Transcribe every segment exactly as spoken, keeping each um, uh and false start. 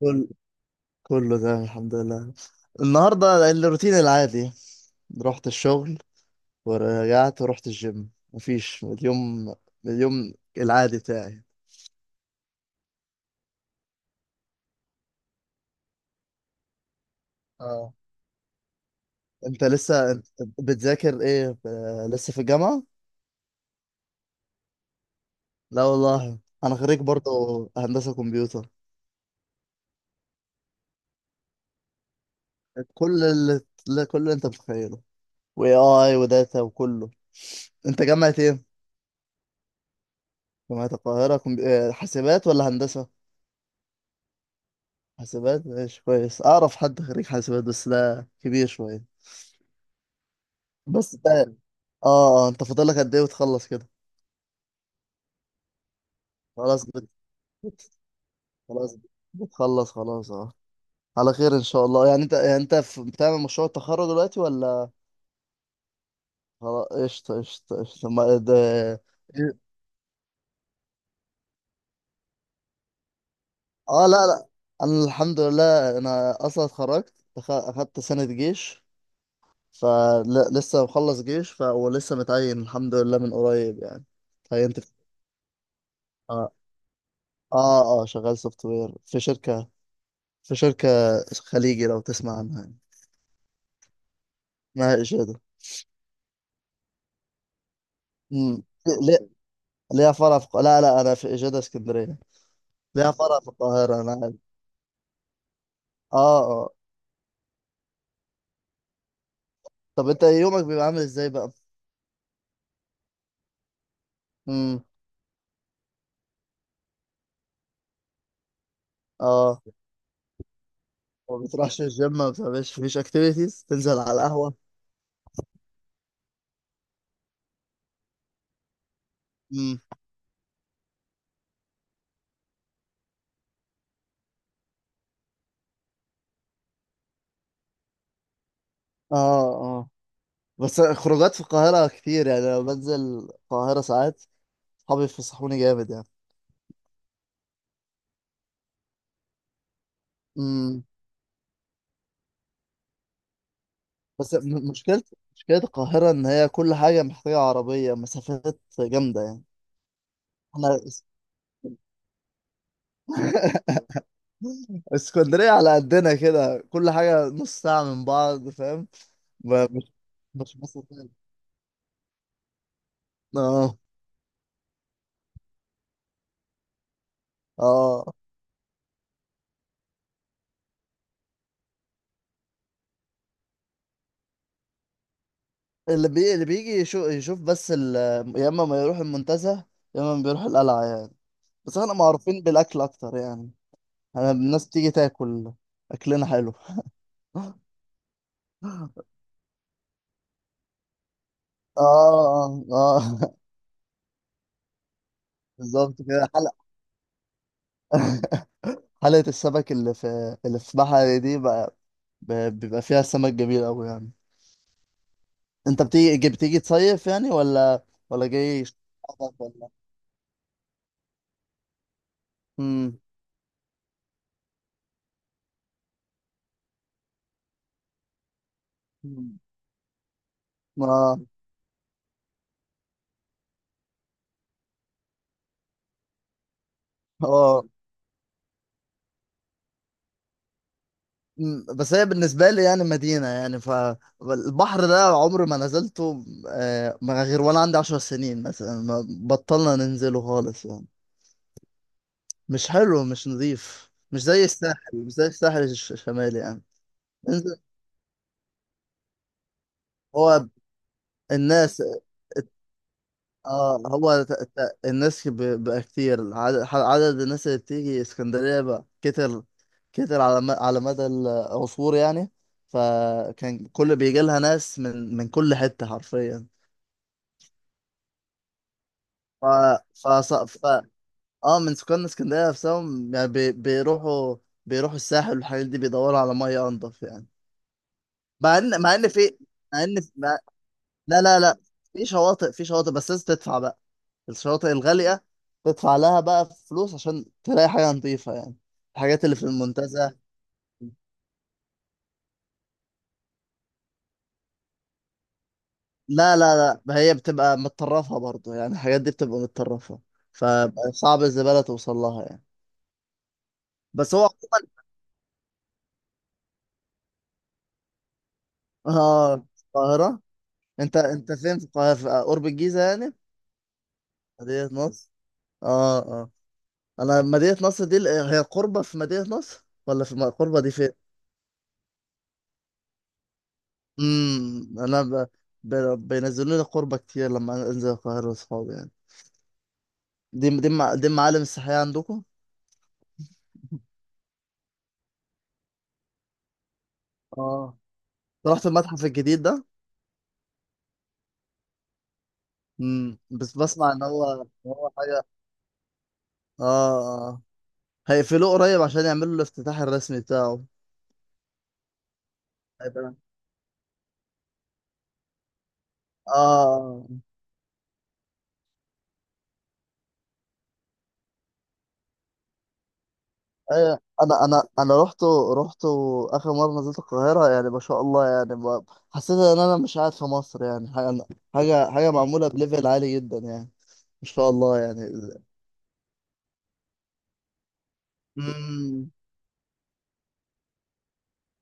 كل كله تمام الحمد لله. النهارده الروتين العادي، رحت الشغل ورجعت ورحت الجيم. مفيش اليوم اليوم العادي بتاعي. اه، انت لسه انت بتذاكر ايه؟ ب- لسه في الجامعة؟ لا والله انا خريج برضه، هندسة كمبيوتر. كل اللي لا، كل اللي انت متخيله، واي اي وداتا وكله. انت جامعة ايه؟ جامعة القاهرة. كمبي... آه، حاسبات ولا هندسة؟ حاسبات، ماشي كويس، اعرف حد خريج حاسبات بس لا كبير شويه. بس ده اه اه، انت فاضل لك قد ايه وتخلص كده؟ خلاص بت... بت- خلاص بتخلص، خلاص اه. على خير ان شاء الله، يعني انت يعني انت في... بتعمل مشروع التخرج دلوقتي ولا؟ خلاص قشطه قشطه قشطه ما... إيه، ده... إيه؟ اه لا لا، انا الحمد لله انا اصلا اتخرجت. أخ- اخدت سنه جيش، فلسه مخلص جيش ف... ولسه متعين الحمد لله من قريب يعني، اتعينت. اه اه، شغال سوفت وير في شركة في شركة خليجي لو تسمع عنها يعني. اسمها إجادة. امم، ليه؟ ليها فرع في الق- لا لا، أنا في إجادة اسكندرية، ليها فرع في القاهرة أنا عارف. اه اه. طب أنت يومك بيبقى عامل إزاي بقى؟ امم، اه، ما بتروحش الجيم؟ ما بتعملش مفيش أكتيفيتيز؟ تنزل على القهوة؟ امم، اه اه. بس خروجات في القاهرة كتير يعني، لو بنزل القاهرة ساعات صحابي يفسحوني جامد يعني. امم، بس م- مشكلة، مشكلة القاهرة إن هي كل حاجة محتاجة عربية، مسافات جامدة يعني. احنا اس- اسكندرية على قدنا كده، كل حاجة نص ساعة من بعض، فاهم؟ ب- مش مش مسافات. اه اه. اللي بي... اللي بيجي يشوف، يشوف بس ال... يا اما ما يروح المنتزه، يا اما بيروح القلعة يعني. بس احنا معروفين بالأكل أكتر يعني. احنا الناس بتيجي تاكل، أكلنا حلو. اه اه آه. بالظبط كده. حلقة، حلقة السمك اللي في اللي في بحري دي بقى، ب- بيبقى فيها سمك جميل أوي يعني. أنت بتيجي جي- بتيجي تصيف يعني، ولا ولا جاي شغلك ولا؟ امم، ما اه. مم. بس هي بالنسبة لي يعني مدينة، يعني فالبحر ده عمري ما نزلته آه، ما غير وأنا عندي عشر سنين مثلا، ما بطلنا ننزله خالص يعني. مش حلو مش نظيف، مش زي الساحل، مش زي الساحل الش- الشمالي يعني. انزل، هو الناس، اه هو ت- ت- الناس ب- بقى كتير، العدد- ح- عدد الناس اللي بتيجي اسكندرية بقى كتر، كتر على م- على مدى العصور يعني. فكان كل بيجي لها ناس من من كل حتة حرفيا. ف ف ص- ف اه، من سكان اسكندرية نفسهم يعني بي... بيروحوا بيروحوا الساحل والحاجات دي، بيدوروا على مية أنضف يعني. مع ان مع ان في مع ان مع... لا لا لا، في شواطئ، في شواطئ بس لازم تدفع بقى، الشواطئ الغالية تدفع لها بقى فلوس عشان تلاقي حاجة نظيفة يعني. الحاجات اللي في المنتزه، لا لا لا ما هي بتبقى متطرفة برضو يعني، الحاجات دي بتبقى متطرفة، فصعب الزبالة توصل لها يعني. بس هو عموما، اه القاهرة. انت انت فين في القاهرة؟ في قرب الجيزة يعني؟ مدينة نصر. اه اه. انا مدينة نصر دي، هي قربة في مدينة نصر ولا في القربة دي فين؟ امم، انا ب... ب... بينزلوا لي قربة كتير لما انزل القاهرة واصحابي يعني. دي دي مع- دي معالم السياحية عندكم؟ اه، أنت رحت المتحف الجديد ده؟ امم، بس بسمع ان هو إن هو حاجة، اه اه. هيقفلوه قريب عشان يعملوا الافتتاح الرسمي بتاعه. هيبقى اه. ايوه، انا انا انا رحت رحت اخر مره نزلت القاهره، يعني ما شاء الله يعني، ب- حسيت ان انا مش قاعد في مصر يعني. حاجه حاجه حاجه معموله بليفل عالي جدا يعني، ما شاء الله يعني. امم،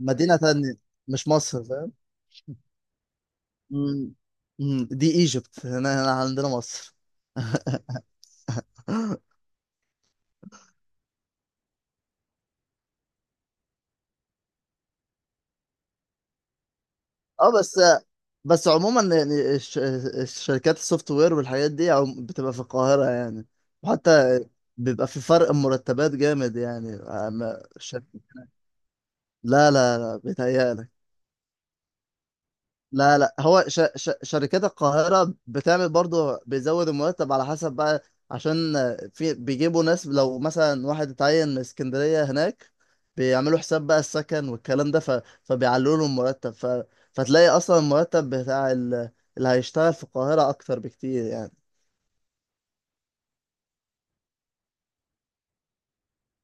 مدينه تانية، مش مصر، فاهم؟ مم. مم. دي ايجيبت، هنا هنا عندنا مصر. اه، بس بس عموما يعني، الش- الشركات السوفت وير والحاجات دي عم- بتبقى في القاهرة يعني. وحتى بيبقى في فرق مرتبات جامد يعني، عن الشركة. لا لا لا بيتهيألك. لا لا، هو ش... ش... شركات القاهرة بتعمل برضو، بيزود المرتب على حسب بقى، عشان في بيجيبوا ناس، لو مثلا واحد اتعين من اسكندرية هناك، بيعملوا حساب بقى السكن والكلام ده، ف... فبيعلوا له المرتب، ف... فتلاقي أصلا المرتب بتاع ال... اللي هيشتغل في القاهرة أكتر بكتير يعني.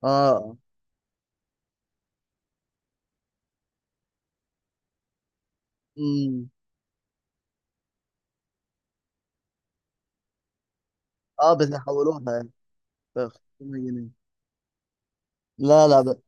اه امم، اه بيحولوها يعني. ف- خمسمية جنيه. لا لا،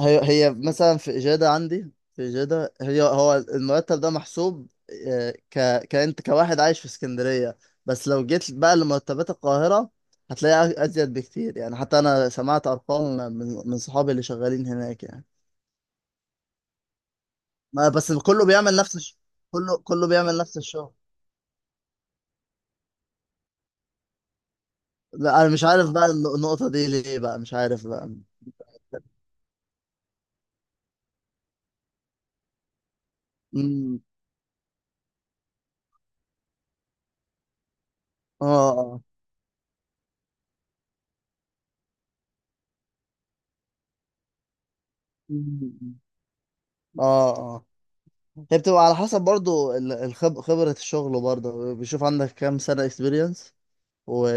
هي هي مثلا في إجادة، عندي في إجادة هي هو المرتب ده محسوب آه، ك كأنت كواحد عايش في اسكندرية. بس لو جيت بقى لمرتبات القاهرة هتلاقيها أزيد بكتير يعني، حتى أنا سمعت أرقام من من صحابي اللي شغالين هناك يعني. ما بس كله بيعمل نفس الش... كله كله بيعمل نفس الشغل. لا، أنا مش عارف بقى الن- النقطة دي ليه بقى، مش عارف بقى. مم. اه اه. مم. اه اه. هي بتبقى على حسب برضو ال- الخب... خبرة الشغل، برضو بيشوف عندك كام سنة اكسبيرينس، و...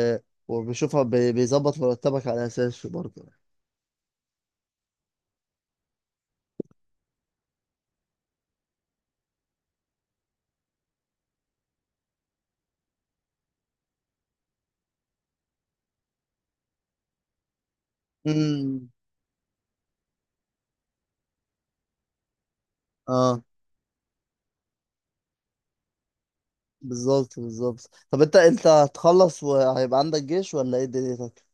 وبيشوفها بي... بيظبط مرتبك على اساسه برضو. امم اه. بالظبط بالظبط. طب انت انت هتخلص وهيبقى عندك جيش ولا ايه دنيتك؟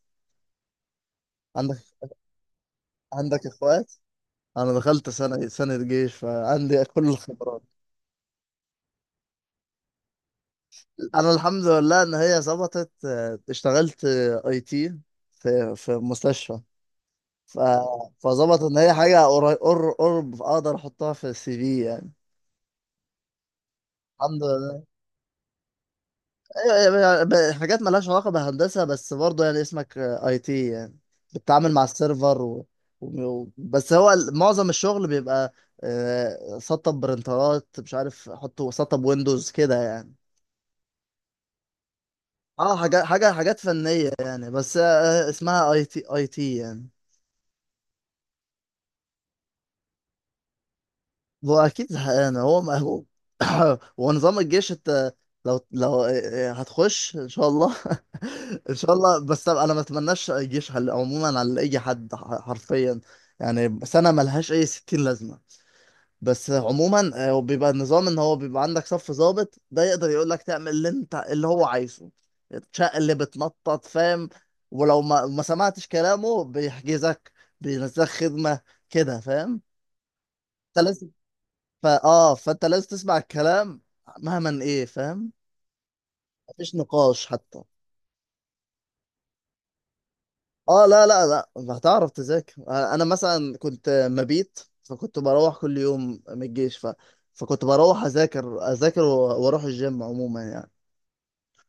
عندك عندك اخوات؟ انا دخلت سنة سنة جيش فعندي كل الخبرات. انا الحمد لله ان هي ظبطت، آه، اشتغلت اي تي في في مستشفى، ف... فظبط ان هي حاجه قري- قر- قرب اقدر احطها في السي في يعني. الحمد لله. أيوة، أيوة، أيوة، يعني ب- حاجات مالهاش علاقه بهندسه بس برضه يعني اسمك اي تي يعني. بتتعامل مع السيرفر و... و... بس هو ال- معظم الشغل بيبقى آه، سطب برنترات، مش عارف احطه سطب ويندوز كده يعني. اه، حاجات حاجه حاجات فنيه يعني، بس آه، اسمها اي تي، اي تي يعني. هو اكيد زهقان، هو مهووب. ونظام الجيش، انت لو لو آه، آه، هتخش ان شاء الله. ان شاء الله، بس انا ما اتمناش الجيش على- عموما على اي حد، ح- حرفيا يعني، سنه ملهاش اي ستين لازمه. بس عموما آه، بيبقى النظام ان هو بيبقى عندك صف ضابط، ده يقدر يقول لك تعمل اللي انت اللي هو عايزه، تشق اللي بتنطط، فاهم؟ ولو ما ما سمعتش كلامه بيحجزك، بينزلك خدمه كده، فاهم؟ فاه فانت لازم تسمع الكلام، مهما ايه، فاهم؟ مفيش نقاش حتى. اه لا لا لا، هتعرف تذاكر. آه، انا مثلا كنت مبيت، فكنت بروح كل يوم من الجيش، ف... فكنت بروح اذاكر اذاكر و- واروح الجيم عموما يعني.